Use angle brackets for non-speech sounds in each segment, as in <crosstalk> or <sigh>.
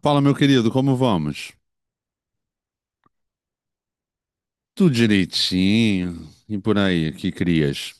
Fala, meu querido, como vamos? Tudo direitinho e por aí, que crias?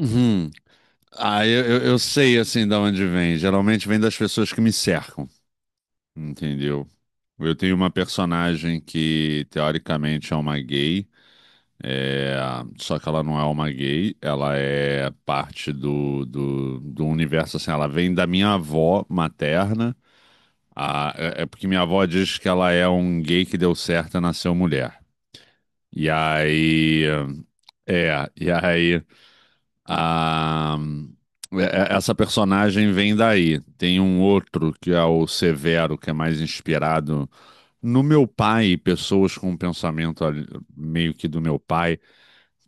Uhum. Eu sei assim de onde vem. Geralmente vem das pessoas que me cercam, entendeu? Eu tenho uma personagem que teoricamente é uma gay, é, só que ela não é uma gay, ela é parte do universo, assim, ela vem da minha avó materna. Ah, é porque minha avó diz que ela é um gay que deu certo e nasceu mulher. E aí. É, e aí. A, Essa personagem vem daí. Tem um outro que é o Severo, que é mais inspirado no meu pai, pessoas com um meio que do meu pai,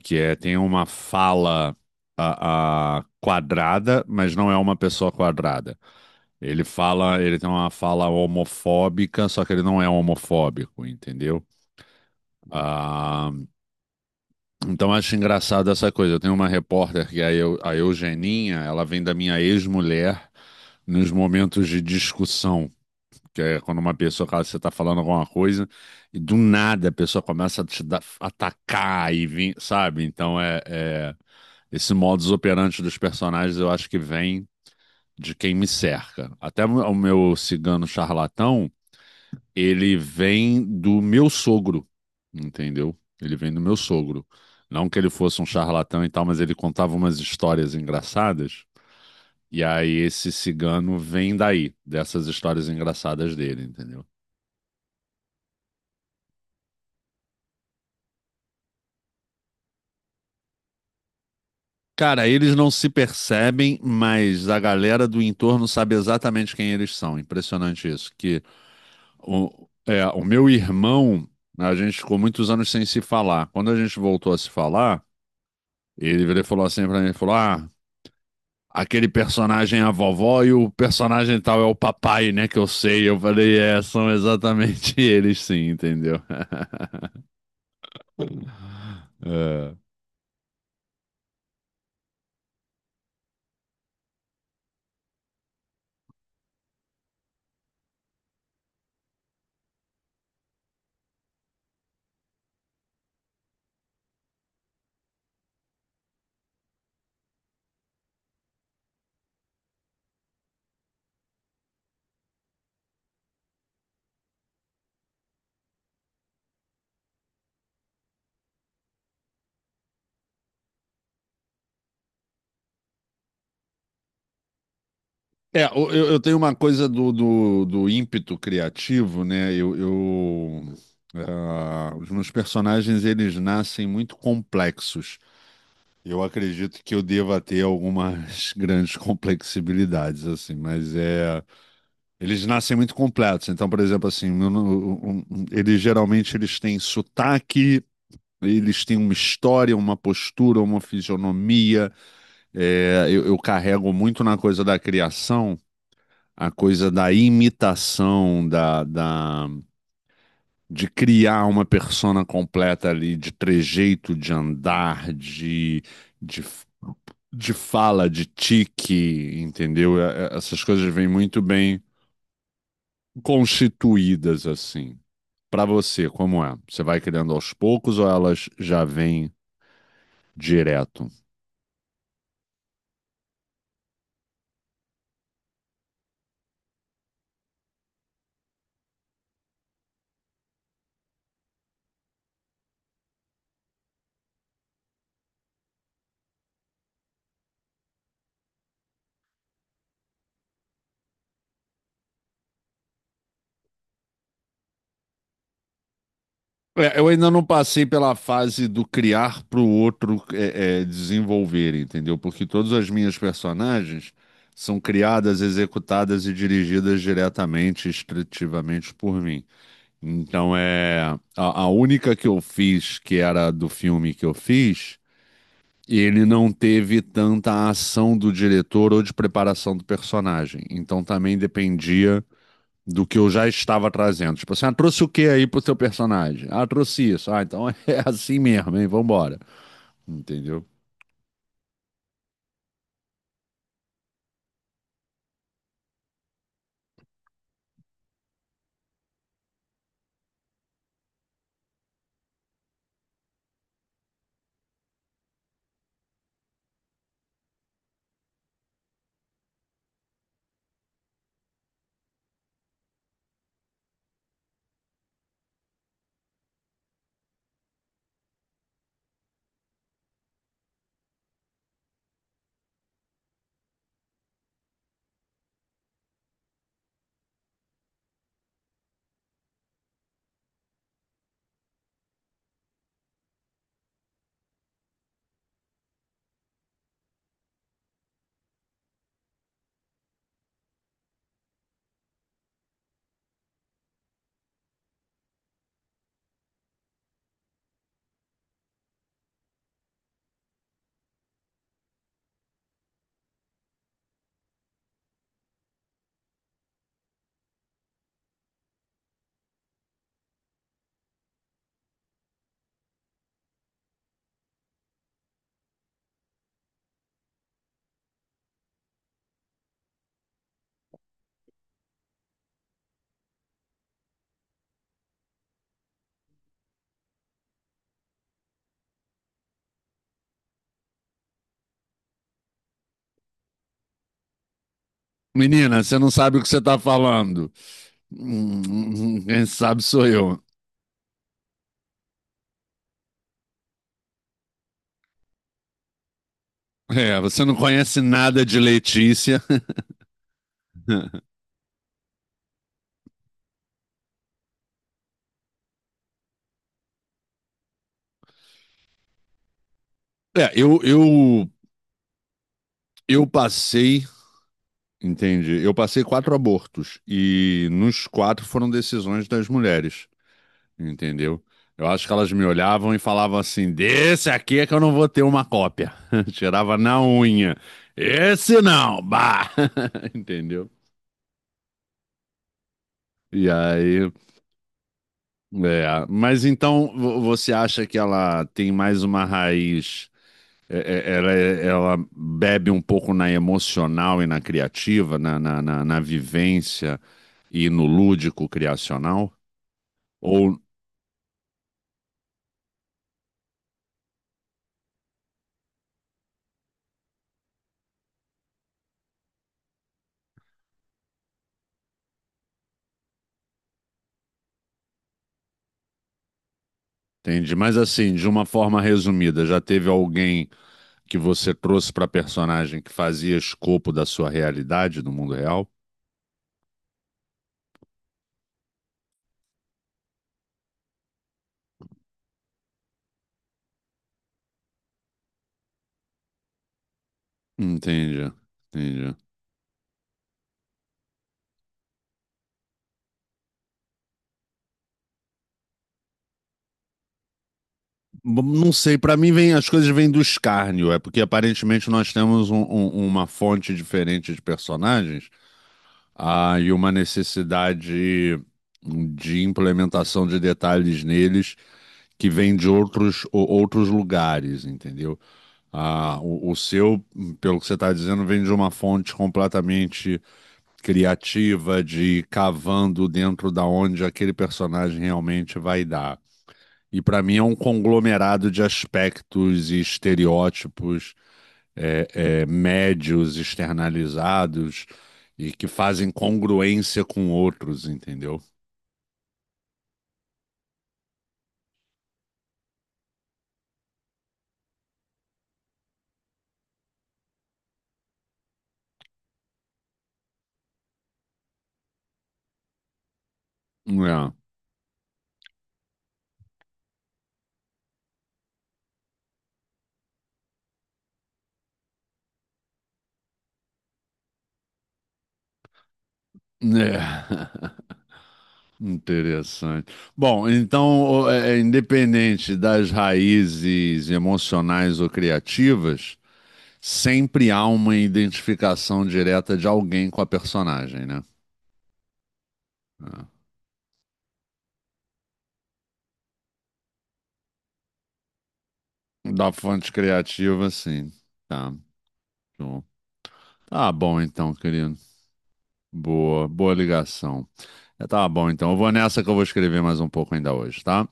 que é, tem uma fala. A quadrada, mas não é uma pessoa quadrada. Ele fala, ele tem uma fala homofóbica, só que ele não é homofóbico, entendeu? Ah, Então acho engraçado essa coisa. Eu tenho uma repórter que é a a Eugeninha, ela vem da minha ex-mulher nos momentos de discussão, que é quando uma pessoa, cara, você tá falando alguma coisa e do nada a pessoa começa a atacar e vir, sabe? Então esse modus operandi dos personagens eu acho que vem de quem me cerca. Até o meu cigano charlatão ele vem do meu sogro, entendeu? Ele vem do meu sogro. Não que ele fosse um charlatão e tal, mas ele contava umas histórias engraçadas. E aí esse cigano vem daí, dessas histórias engraçadas dele, entendeu? Cara, eles não se percebem, mas a galera do entorno sabe exatamente quem eles são. Impressionante isso. O meu irmão, a gente ficou muitos anos sem se falar. Quando a gente voltou a se falar, ele virou e falou assim pra mim, ele falou, ah, aquele personagem é a vovó e o personagem tal é o papai, né? Que eu sei. Eu falei, é, são exatamente <laughs> eles, sim, entendeu? <laughs> é. Eu tenho uma coisa do ímpeto criativo, né? Os meus personagens, eles nascem muito complexos. Eu acredito que eu deva ter algumas <laughs> grandes complexibilidades, assim, mas é... Eles nascem muito completos. Então, por exemplo, assim, eu não- um- um- eles geralmente eles têm sotaque, eles têm uma história, uma postura, uma fisionomia. É, eu carrego muito na coisa da criação, a coisa da imitação, de criar uma persona completa ali, de trejeito, de andar, de, de de fala, de tique, entendeu? Essas coisas vêm muito bem constituídas assim. Para você, como é? Você vai criando aos poucos ou elas já vêm direto? É, eu ainda não passei pela fase do criar para o outro desenvolver, entendeu? Porque todas as minhas personagens são criadas, executadas e dirigidas diretamente, estritivamente por mim. Então é a única que eu fiz, que era do filme que eu fiz, ele não teve tanta ação do diretor ou de preparação do personagem. Então também dependia do que eu já estava trazendo. Tipo assim, ah, trouxe o que aí pro seu personagem? Ah, trouxe isso. Ah, então <laughs> é assim mesmo, hein? Vambora. Entendeu? Menina, você não sabe o que você tá falando. Quem sabe sou eu. É, você não conhece nada de Letícia. É, eu passei, entende? Eu passei quatro abortos e nos quatro foram decisões das mulheres. Entendeu? Eu acho que elas me olhavam e falavam assim: desse aqui é que eu não vou ter uma cópia. <laughs> Tirava na unha. Esse não, bah! <laughs> Entendeu? E aí, é. Mas então você acha que ela tem mais uma raiz? é- Ela, ela bebe um pouco na emocional e na criativa, na vivência e no lúdico criacional? Ou, entende? Mas assim, de uma forma resumida, já teve alguém que você trouxe para a personagem que fazia escopo da sua realidade no mundo real? Entendi, entendi. Não sei, para mim vem, as coisas vêm do escárnio, é porque aparentemente nós temos uma fonte diferente de personagens, ah, e uma necessidade de implementação de detalhes neles que vem de outros, outros lugares, entendeu? Ah, o seu, pelo que você está dizendo, vem de uma fonte completamente criativa de ir cavando dentro da onde aquele personagem realmente vai dar. E para mim é um conglomerado de aspectos e estereótipos médios externalizados e que fazem congruência com outros, entendeu? É. É. <laughs> Interessante. Bom, então, independente das raízes emocionais ou criativas, sempre há uma identificação direta de alguém com a personagem, né? É. Da fonte criativa, sim. Tá. Show. Tá bom então, querido. Boa, boa ligação. É, tá bom então. Eu vou nessa que eu vou escrever mais um pouco ainda hoje, tá?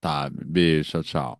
Tá, beijo, tchau, tchau.